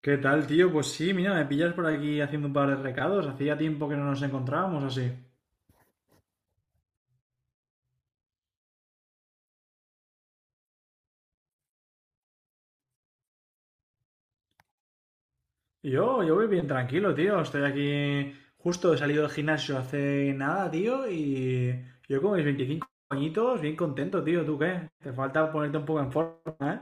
¿Qué tal, tío? Pues sí, mira, me pillas por aquí haciendo un par de recados. Hacía tiempo que no nos encontrábamos así. Yo voy bien tranquilo, tío. Estoy aquí justo he salido del gimnasio hace nada, tío, y yo con mis 25 añitos, bien contento, tío. ¿Tú qué? Te falta ponerte un poco en forma, ¿eh?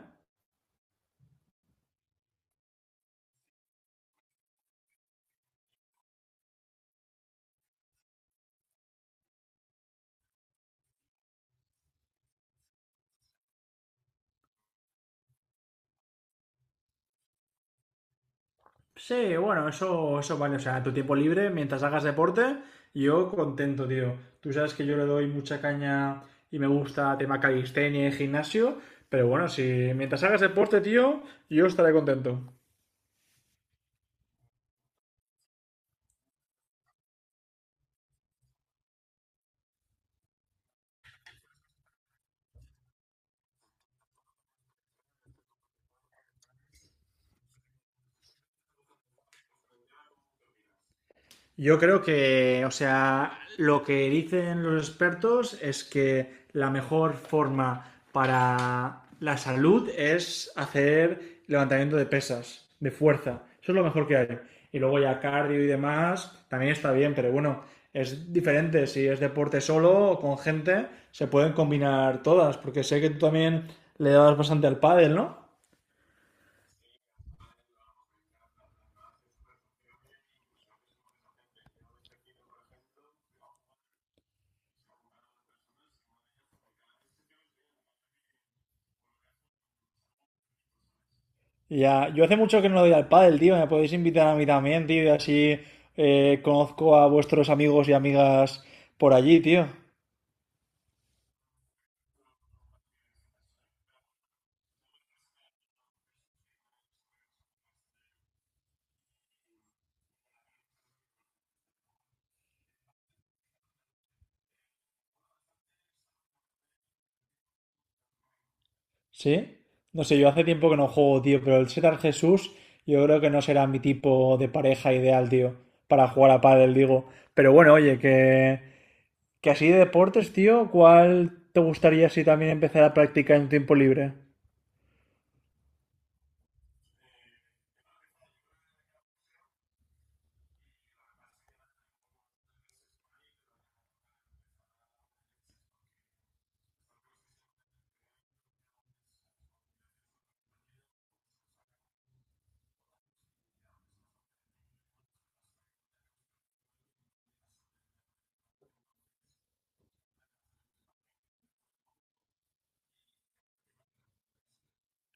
Sí, bueno, eso vale. O sea, tu tiempo libre, mientras hagas deporte, yo contento, tío. Tú sabes que yo le doy mucha caña y me gusta tema calistenia y gimnasio, pero bueno, si mientras hagas deporte, tío, yo estaré contento. Yo creo que, o sea, lo que dicen los expertos es que la mejor forma para la salud es hacer levantamiento de pesas, de fuerza. Eso es lo mejor que hay. Y luego ya cardio y demás también está bien, pero bueno, es diferente. Si es deporte solo o con gente, se pueden combinar todas, porque sé que tú también le dabas bastante al pádel, ¿no? Ya, yo hace mucho que no doy al pádel, tío. Me podéis invitar a mí también, tío. Y así conozco a vuestros amigos y amigas por allí, tío. ¿Sí? No sé, yo hace tiempo que no juego, tío. Pero el Setar Jesús, yo creo que no será mi tipo de pareja ideal, tío. Para jugar a pádel, digo. Pero bueno, oye, que así de deportes, tío, ¿cuál te gustaría si también empezar a practicar en tiempo libre?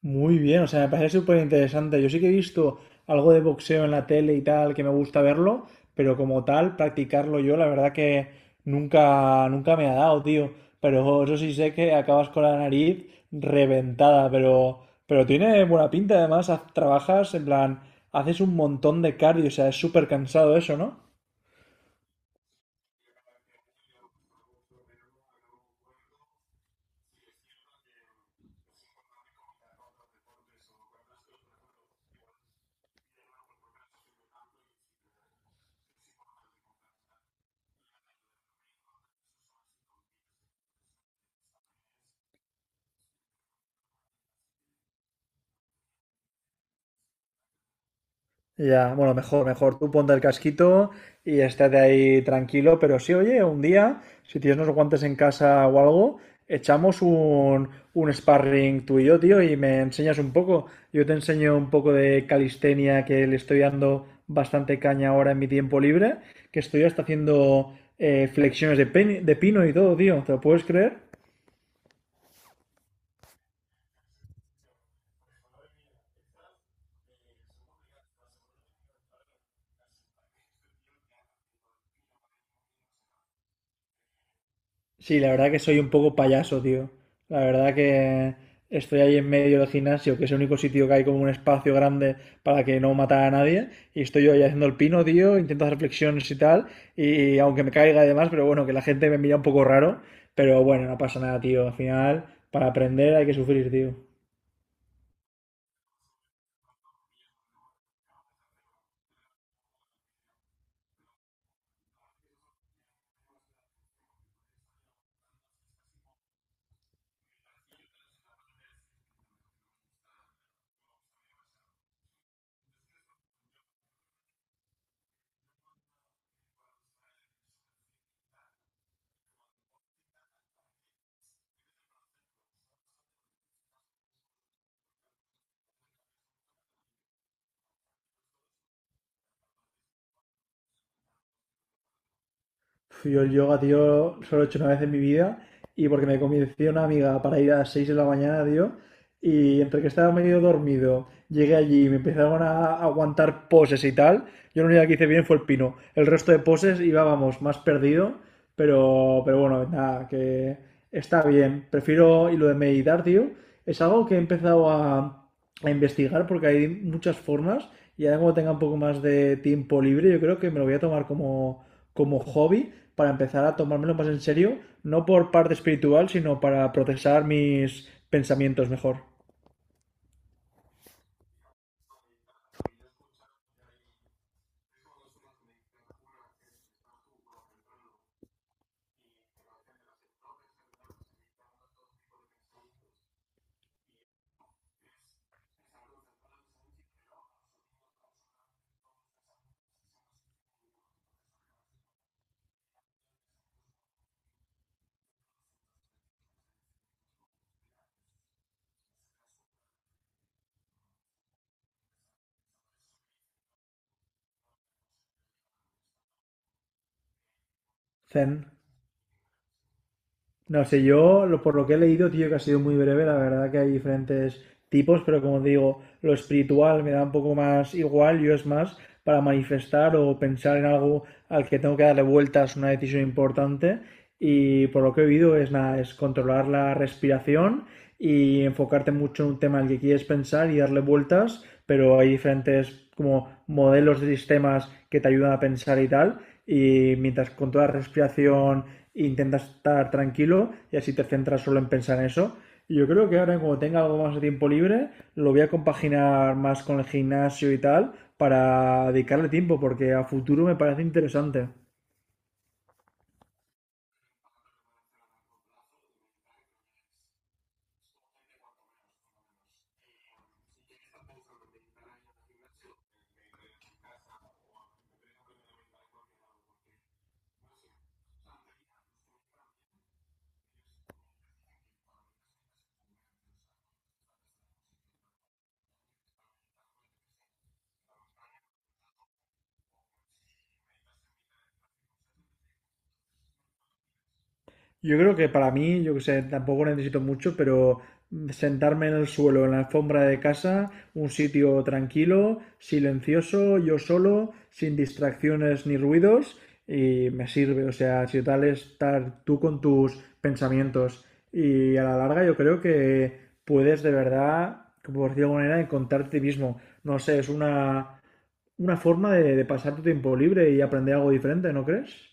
Muy bien, o sea, me parece súper interesante. Yo sí que he visto algo de boxeo en la tele y tal, que me gusta verlo, pero como tal, practicarlo yo, la verdad que nunca me ha dado, tío. Pero eso sí sé que acabas con la nariz reventada, pero tiene buena pinta, además, trabajas, en plan, haces un montón de cardio, o sea, es súper cansado eso, ¿no? Ya, bueno, mejor. Tú ponte el casquito y estate ahí tranquilo, pero sí, oye, un día, si tienes unos guantes en casa o algo, echamos un sparring tú y yo, tío, y me enseñas un poco. Yo te enseño un poco de calistenia que le estoy dando bastante caña ahora en mi tiempo libre, que estoy hasta haciendo flexiones de, de pino y todo, tío. ¿Te lo puedes creer? Sí, la verdad que soy un poco payaso, tío. La verdad que estoy ahí en medio del gimnasio, que es el único sitio que hay como un espacio grande para que no matar a nadie. Y estoy yo ahí haciendo el pino, tío, intento hacer flexiones y tal. Y aunque me caiga y demás, pero bueno, que la gente me mira un poco raro. Pero bueno, no pasa nada, tío. Al final, para aprender hay que sufrir, tío. Pf, yo el yoga, tío, solo lo he hecho una vez en mi vida y porque me convenció una amiga para ir a las 6 de la mañana, tío, y entre que estaba medio dormido, llegué allí y me empezaron a aguantar poses y tal, yo lo único que hice bien fue el pino. El resto de poses iba, vamos, más perdido, pero bueno, nada, que está bien. Prefiero, y lo de meditar, tío, es algo que he empezado a investigar porque hay muchas formas y ahora como tenga un poco más de tiempo libre, yo creo que me lo voy a tomar como hobby para empezar a tomármelo más en serio, no por parte espiritual, sino para procesar mis pensamientos mejor. Zen. No sé, por lo que he leído, tío, que ha sido muy breve, la verdad que hay diferentes tipos, pero como digo, lo espiritual me da un poco más igual, yo es más para manifestar o pensar en algo al que tengo que darle vueltas, una decisión importante, y por lo que he oído es nada, es controlar la respiración y enfocarte mucho en un tema al que quieres pensar y darle vueltas, pero hay diferentes como modelos de sistemas que te ayudan a pensar y tal, y mientras con toda la respiración e intentas estar tranquilo y así te centras solo en pensar en eso. Y yo creo que ahora, como tenga algo más de tiempo libre, lo voy a compaginar más con el gimnasio y tal para dedicarle tiempo, porque a futuro me parece interesante. Yo creo que para mí, yo que sé, tampoco necesito mucho, pero sentarme en el suelo, en la alfombra de casa, un sitio tranquilo, silencioso, yo solo, sin distracciones ni ruidos, y me sirve. O sea, si tal es estar tú con tus pensamientos. Y a la larga yo creo que puedes de verdad, por decirlo de alguna manera, encontrarte a ti mismo. No sé, es una forma de pasar tu tiempo libre y aprender algo diferente, ¿no crees?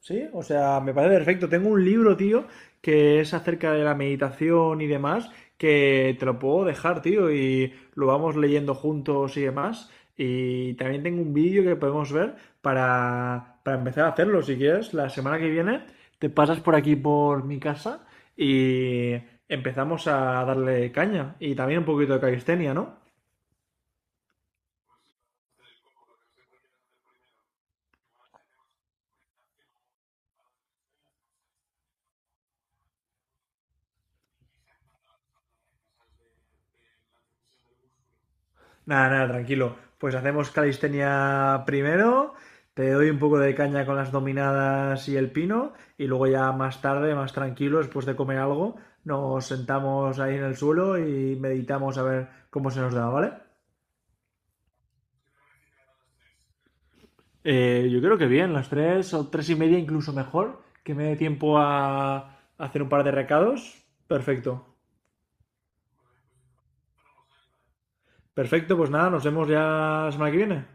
Sí, o sea, me parece perfecto. Tengo un libro, tío, que es acerca de la meditación y demás, que te lo puedo dejar, tío, y lo vamos leyendo juntos y demás. Y también tengo un vídeo que podemos ver para empezar a hacerlo, si quieres. La semana que viene te pasas por aquí, por mi casa, y empezamos a darle caña. Y también un poquito de calistenia, ¿no? Nada, tranquilo. Pues hacemos calistenia primero, te doy un poco de caña con las dominadas y el pino, y luego ya más tarde, más tranquilo, después de comer algo, nos sentamos ahí en el suelo y meditamos a ver cómo se nos da, ¿vale? Yo creo que bien, las 3 o 3 y media incluso mejor, que me dé tiempo a hacer un par de recados. Perfecto. Perfecto, pues nada, nos vemos ya la semana que viene.